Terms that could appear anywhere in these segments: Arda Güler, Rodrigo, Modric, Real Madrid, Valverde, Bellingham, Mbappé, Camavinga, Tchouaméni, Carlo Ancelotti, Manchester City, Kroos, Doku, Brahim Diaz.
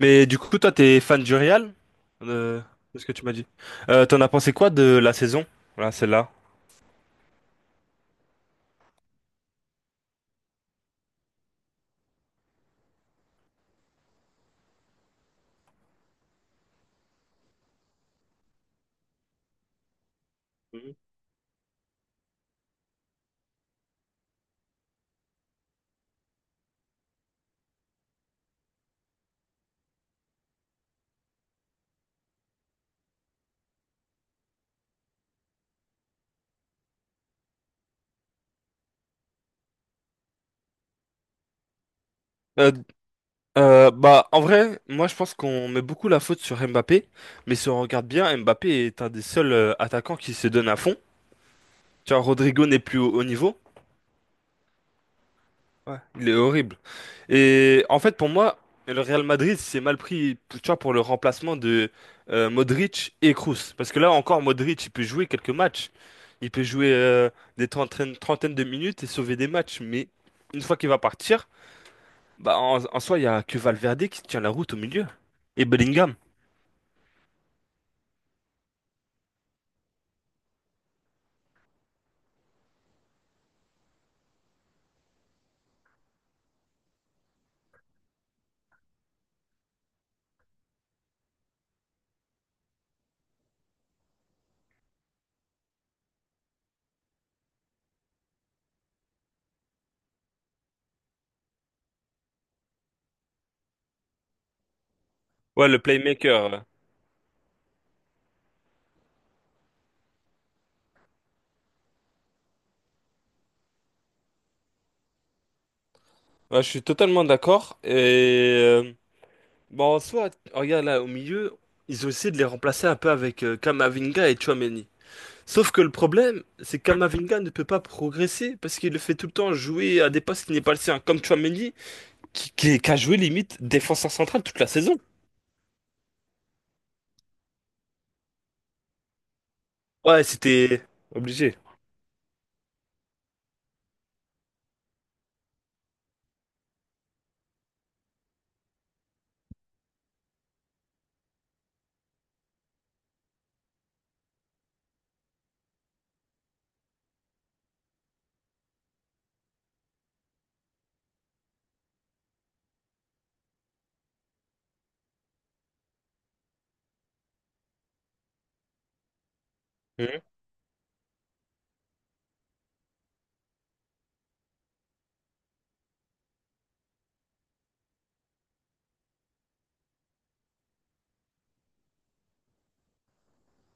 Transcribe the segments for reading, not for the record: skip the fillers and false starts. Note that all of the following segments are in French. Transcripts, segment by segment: Mais du coup, toi, t'es fan du Real? Euh, c'est ce que tu m'as dit. T'en as pensé quoi de la saison? Voilà, celle-là. Euh, En vrai, moi, je pense qu'on met beaucoup la faute sur Mbappé. Mais si on regarde bien, Mbappé est un des seuls attaquants qui se donne à fond. Tu vois, Rodrigo n'est plus au haut niveau. Ouais. Il est horrible. Et en fait, pour moi, le Real Madrid s'est mal pris, tu vois, pour le remplacement de Modric et Kroos. Parce que là encore, Modric, il peut jouer quelques matchs. Il peut jouer des trentaines, trentaines de minutes et sauver des matchs. Mais une fois qu'il va partir, bah en soi, il y a que Valverde qui tient la route au milieu. Et Bellingham. Ouais, le playmaker. Ouais. Ouais, je suis totalement d'accord. Et bon, en soi, regarde là, au milieu, ils ont essayé de les remplacer un peu avec Camavinga et Tchouaméni. Sauf que le problème, c'est que Kamavinga ne peut pas progresser parce qu'il le fait tout le temps jouer à des postes qui n'est pas le sien, comme Tchouaméni, qui a joué limite défenseur central toute la saison. Ouais, c'était obligé. Mhm.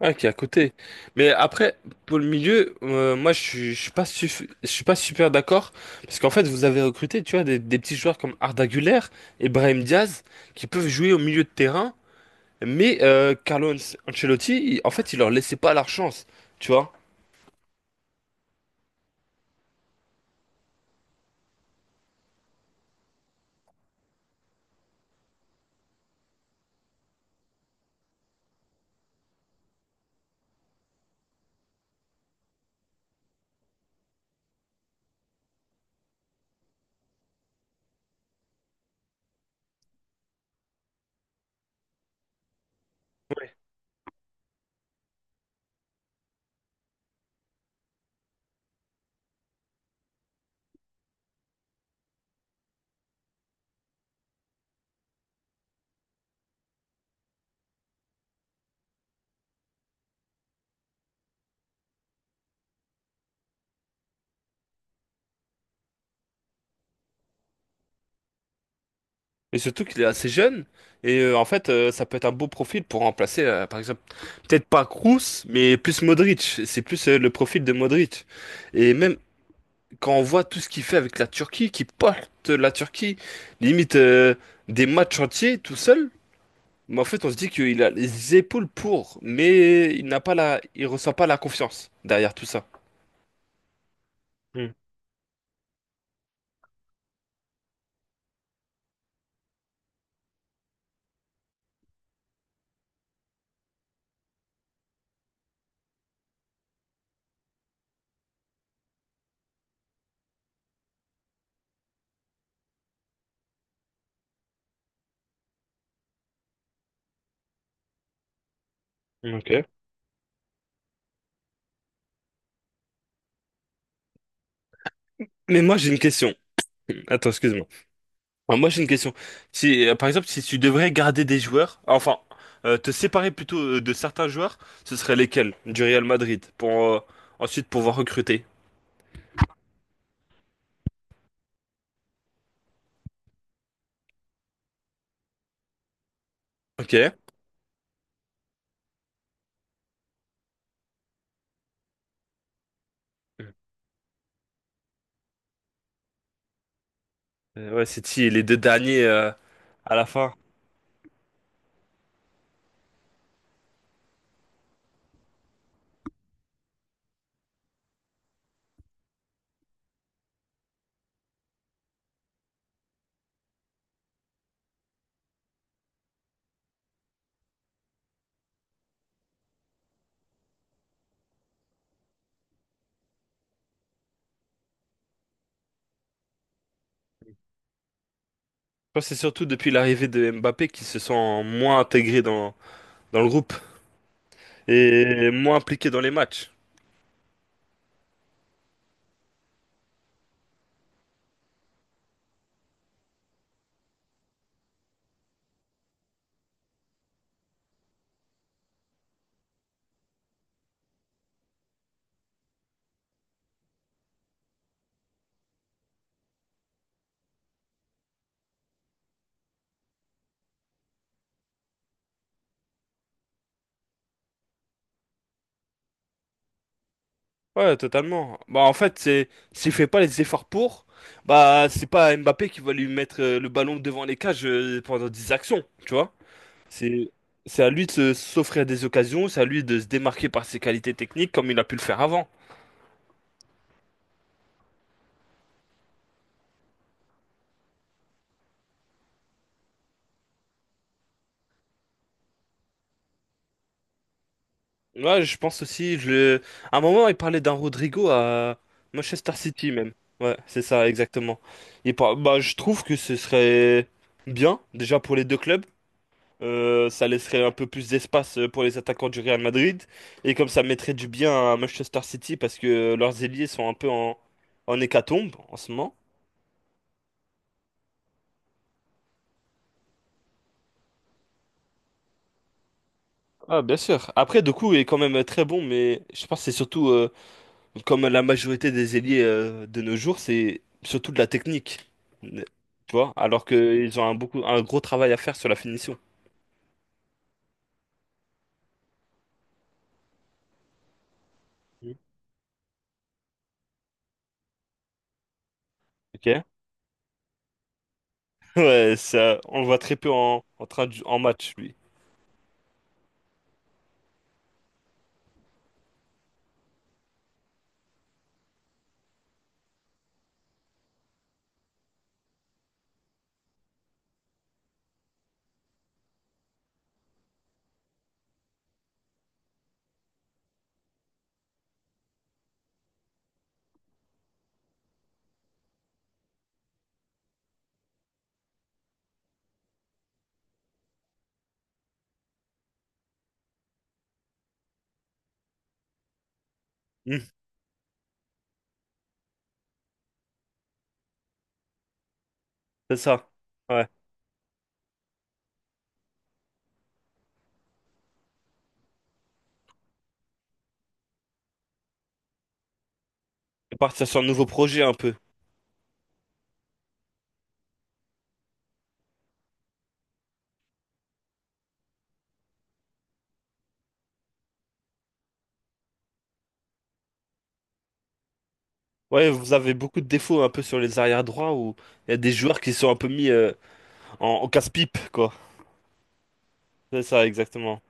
Ouais, qui est à côté. Mais après, pour le milieu, moi, je suis pas super d'accord parce qu'en fait, vous avez recruté, tu vois, des petits joueurs comme Arda Güler et Brahim Diaz qui peuvent jouer au milieu de terrain, mais Carlo Ancelotti, en fait, il leur laissait pas leur chance, tu vois. Et surtout qu'il est assez jeune. Et en fait, ça peut être un beau profil pour remplacer, par exemple, peut-être pas Kroos, mais plus Modric. C'est plus le profil de Modric. Et même quand on voit tout ce qu'il fait avec la Turquie, qui porte la Turquie, limite des matchs entiers tout seul, mais en fait, on se dit qu'il a les épaules pour, mais il n'a pas la, il ressent pas la confiance derrière tout ça. Hmm, ok. Mais moi, j'ai une question. Attends, excuse-moi. Enfin, moi, j'ai une question. Si, par exemple, si tu devrais garder des joueurs, enfin, te séparer plutôt de certains joueurs, ce seraient lesquels du Real Madrid pour ensuite pouvoir recruter. Ok. Ouais, c'est si les deux derniers à la fin. Je pense que c'est surtout depuis l'arrivée de Mbappé qu'ils se sont moins intégrés dans, dans le groupe et moins impliqués dans les matchs. Ouais, totalement. Bah, en fait, c'est s'il fait pas les efforts pour, bah, c'est pas Mbappé qui va lui mettre le ballon devant les cages pendant 10 actions, tu vois. C'est c'est à lui de s'offrir des occasions, c'est à lui de se démarquer par ses qualités techniques comme il a pu le faire avant. Ouais, je pense aussi, je... à un moment, il parlait d'un Rodrigo à Manchester City même. Ouais, c'est ça, exactement. Et bah, je trouve que ce serait bien, déjà pour les deux clubs. Ça laisserait un peu plus d'espace pour les attaquants du Real Madrid. Et comme ça mettrait du bien à Manchester City parce que leurs ailiers sont un peu en hécatombe en ce moment. Ah, bien sûr. Après, Doku est quand même très bon, mais je pense que c'est surtout, comme la majorité des ailiers de nos jours, c'est surtout de la technique. Tu vois? Alors qu'ils ont un gros travail à faire sur la finition. Mhm. Ok? Ouais, ça, on le voit très peu en en match, lui. Hmm, c'est ça. Ouais. Et partir sur un nouveau projet un peu. Ouais, vous avez beaucoup de défauts un peu sur les arrières droits où il y a des joueurs qui sont un peu mis en casse-pipe, quoi. C'est ça, exactement.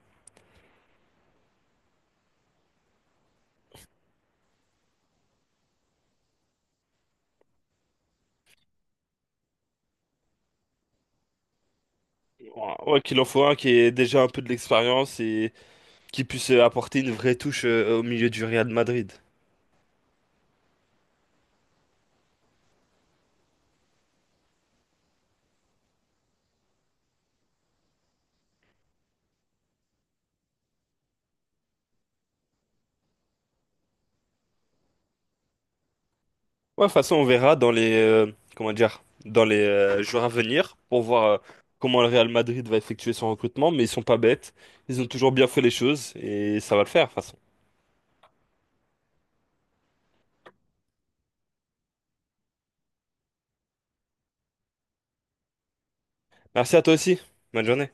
Ouais, ouais, qu'il en faut un qui ait déjà un peu de l'expérience et qui puisse apporter une vraie touche au milieu du Real Madrid. Ouais, de toute façon, on verra dans les, comment dire, dans les jours à venir pour voir comment le Real Madrid va effectuer son recrutement, mais ils sont pas bêtes. Ils ont toujours bien fait les choses et ça va le faire, de toute façon. Merci à toi aussi. Bonne journée.